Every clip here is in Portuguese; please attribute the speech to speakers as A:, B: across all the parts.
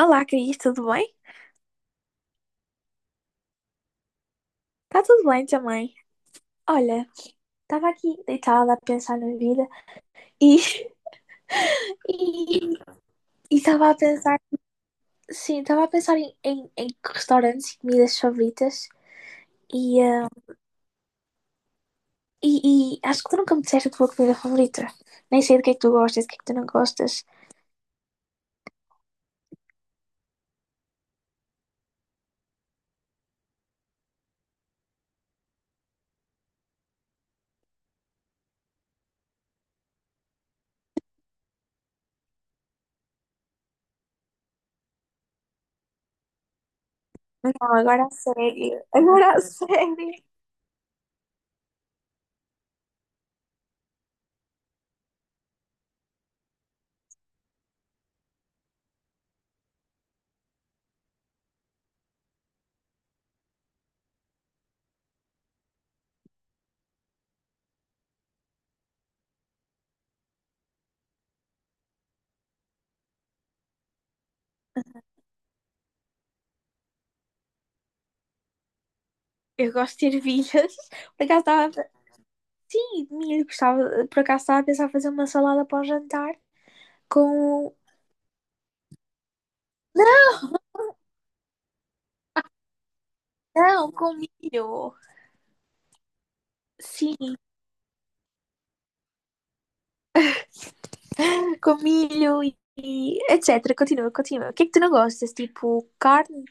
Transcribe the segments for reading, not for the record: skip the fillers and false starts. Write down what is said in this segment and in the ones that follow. A: Olá, Cris, tudo bem? Tá tudo bem também. Olha, tava aqui deitada a pensar na vida e e tava a pensar, sim, tava a pensar em restaurantes e comidas favoritas e, e acho que tu nunca me disseste a tua comida favorita. Nem sei do que é que tu gostas, do que é que tu não gostas. Não, agora a sério, agora a sério. Eu gosto de ervilhas. Por acaso estava. Sim, milho, gostava. Por acaso estava a pensar em fazer uma salada para o jantar com. Não, com milho. Sim, com milho e etc. Continua, continua. O que é que tu não gostas? Tipo, carne?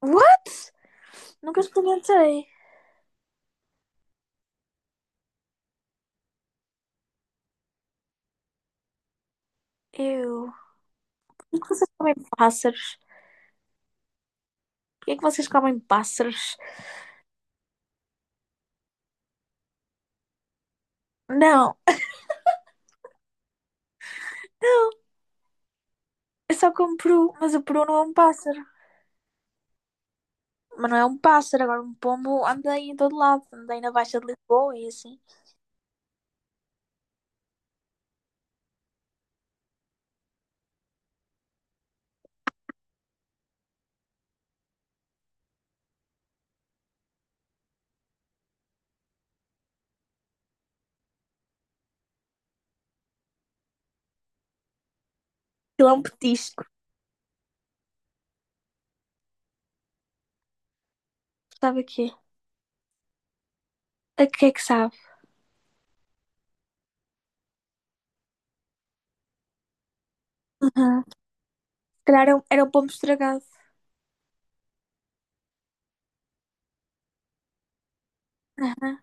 A: What? Nunca experimentei. Eu. Por que vocês comem pássaros? Por que é que vocês comem pássaros? Não, não. Eu só como peru, mas o peru não é um pássaro. Mas não é um pássaro, agora um pombo anda aí em todo lado. Anda aí na Baixa de Lisboa e assim. Aquilo é um petisco. Sabe o quê? A que é que sabe? Uhum. Se calhar era um pombo estragado. Uhum.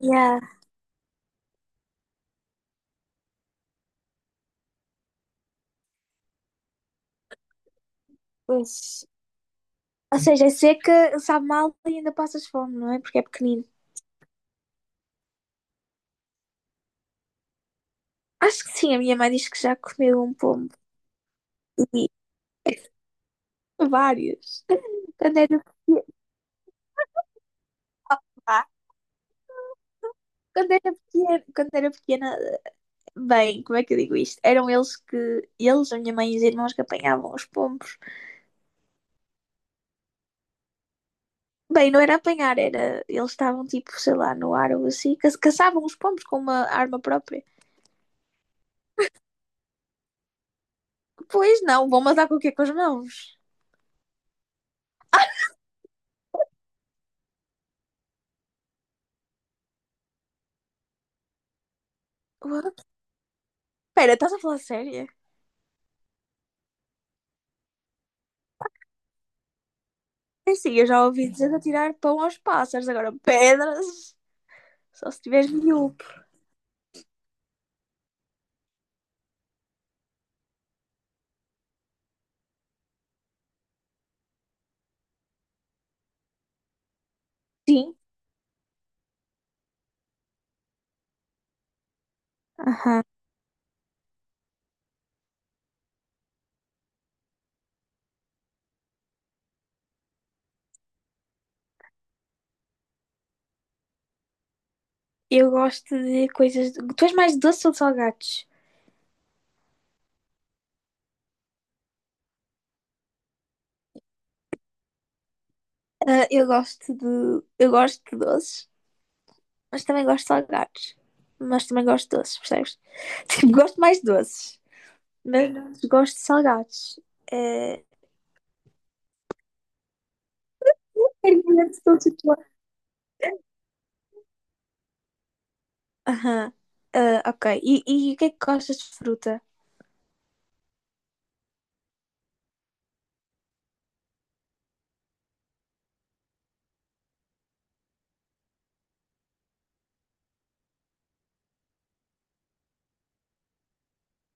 A: Yeah. Pois. Ou seja, é seca, sabe mal e ainda passas fome, não é? Porque é pequenino. Acho que sim, a minha mãe diz que já comeu um pombo e vários. Quando era pequena, vá, quando era pequena, bem, como é que eu digo isto? Eram eles eles, a minha mãe e os irmãos que apanhavam os pombos. Bem, não era apanhar, era, eles estavam tipo, sei lá, no ar ou assim, caçavam os pombos com uma arma própria. Pois não, vão matar com o quê? Com as mãos. What? Espera, estás a falar sério? É assim, eu já ouvi dizer de atirar pão aos pássaros, agora pedras, só se tiveres miúdo. Sim, aham, eu gosto de coisas. Tu és mais doce ou de salgados? Ah, eu gosto de. Eu gosto de doces, mas também gosto de salgados. Mas também gosto de doces, percebes? Tipo, gosto mais de doces, mas não gosto de salgados. É. Permanente doce tu és. Aham. Ah, ok. E o que é que gostas de fruta?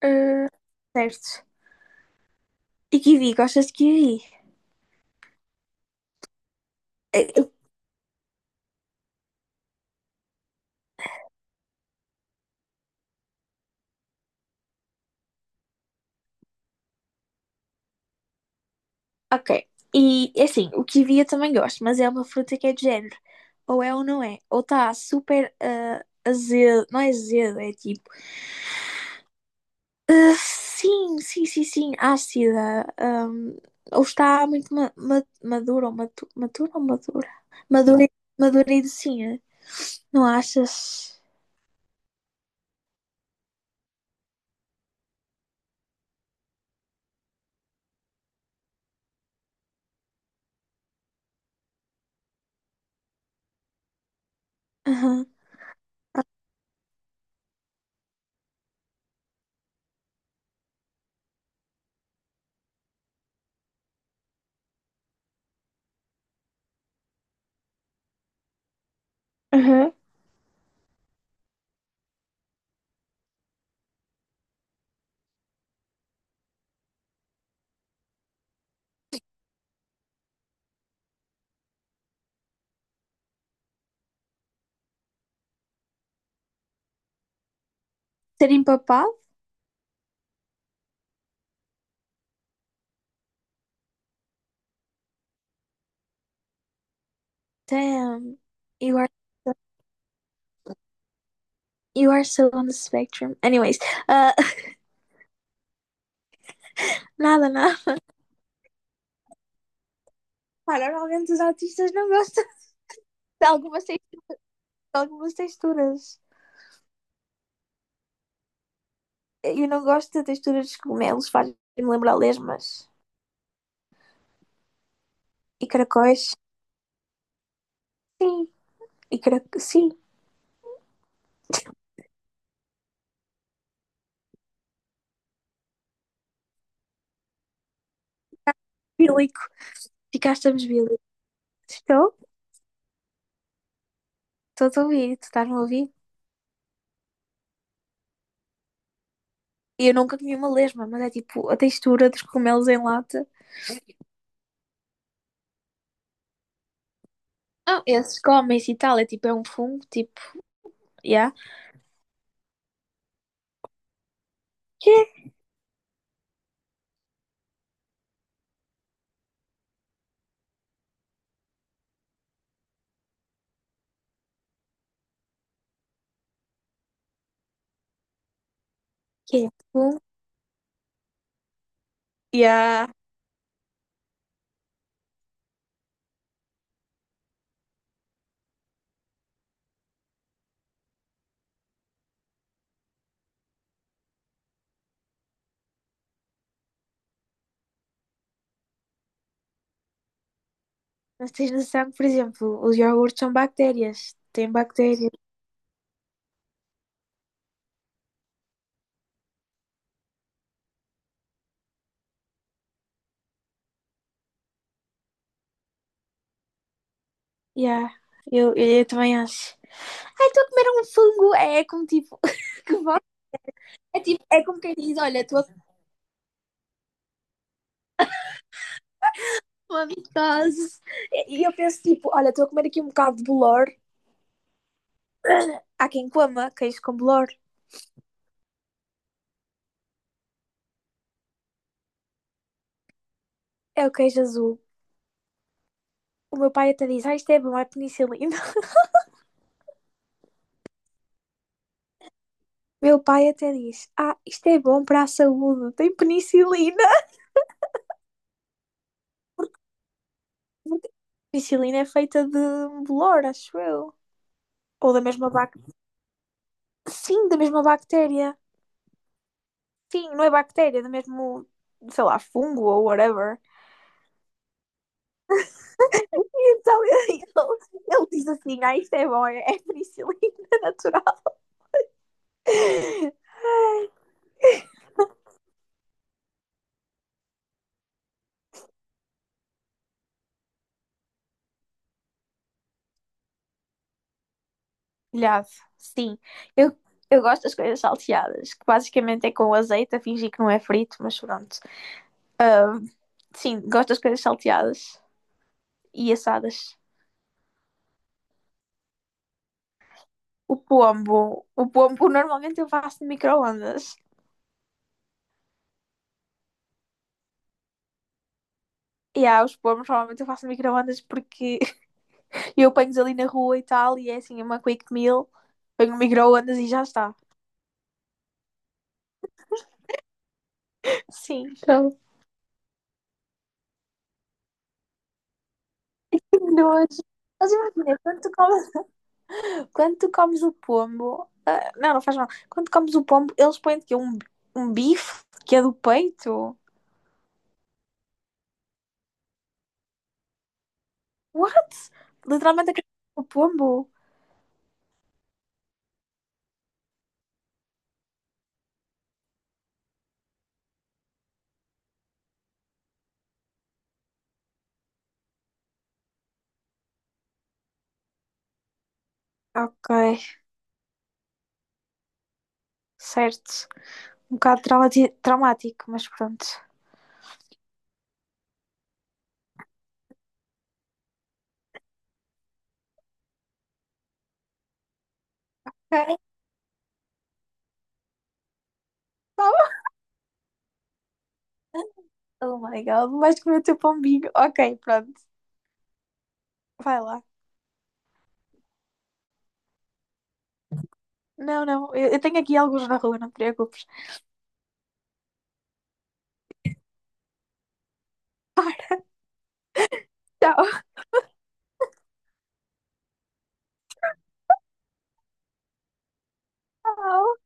A: Ah, certo. E kiwi, gostas de kiwi? Eh, ok. E assim, o kiwi eu também gosto, mas é uma fruta que é de género. Ou é ou não é. Ou está super azedo. Não é azedo, é tipo. Sim, sim, sim, sim, ácida. Ou está muito madura ou matura ou madura? Madura, madura e docinha. Não achas? Aham. Uhum. Ser empapado? Damn. You are, so, you are so on the spectrum. Anyways, ah, nada, nada. Pá, normalmente os autistas não gostam de algumas, de algumas texturas. Eu não gosto de texturas dos cogumelos, faz-me lembrar lesmas e caracóis. Sim, e carac... sim. Bílico. Ficaste-me bílico. Estou? Estou a ouvir, tu estás-me a ouvir? Eu nunca comi uma lesma, mas é tipo a textura dos cogumelos em lata. Ah, esses comem-se e tal, é tipo, é um fungo, tipo, yeah. Que? Que é? Fungo? Yeah. Mas tens noção que, por exemplo, os iogurtes são bactérias. Têm bactérias. Yeah, eu também acho. Ai, estou a comer um fungo. É, é como tipo, que bom. É tipo, é como quem diz, olha, estou a comer uma mitose. E eu penso tipo, olha, estou a comer aqui um bocado de bolor. Há quem coma queijo com bolor. É o queijo azul. O meu pai até diz, ah, isto é bom, é penicilina. Meu pai até diz, ah, isto é bom para a saúde, tem penicilina. Porque a penicilina é feita de um bolor, acho eu. Ou da mesma bactéria. Sim, da mesma bactéria. Sim, não é bactéria, é mesmo, sei lá, fungo ou whatever. E então ele diz assim: ah, isto é bom, é penicilina natural. Ai. Olhado, sim. Eu, eu gosto das coisas salteadas, que basicamente é com azeite, a fingir que não é frito, mas pronto. Ahm, sim, gosto das coisas salteadas e assadas. O pombo normalmente eu faço no micro-ondas. E há os pombos normalmente eu faço no micro-ondas porque e eu ponho ali na rua e tal, e é assim, uma quick meal, ponho no micro-ondas e já está. Sim. Então, nojo. Mas imagina, quando tu comes o pombo, ah, não, não faz mal. Quando comes o pombo, eles põem que um bife que é do peito. What? Literalmente a cabeça pombo. Ok, certo. Um bocado traumático, mas pronto. Ok, oh my god, vais comer o teu pombinho. Ok, pronto. Vai lá. Não, não, eu tenho aqui alguns na rua, não te preocupes. Tchau.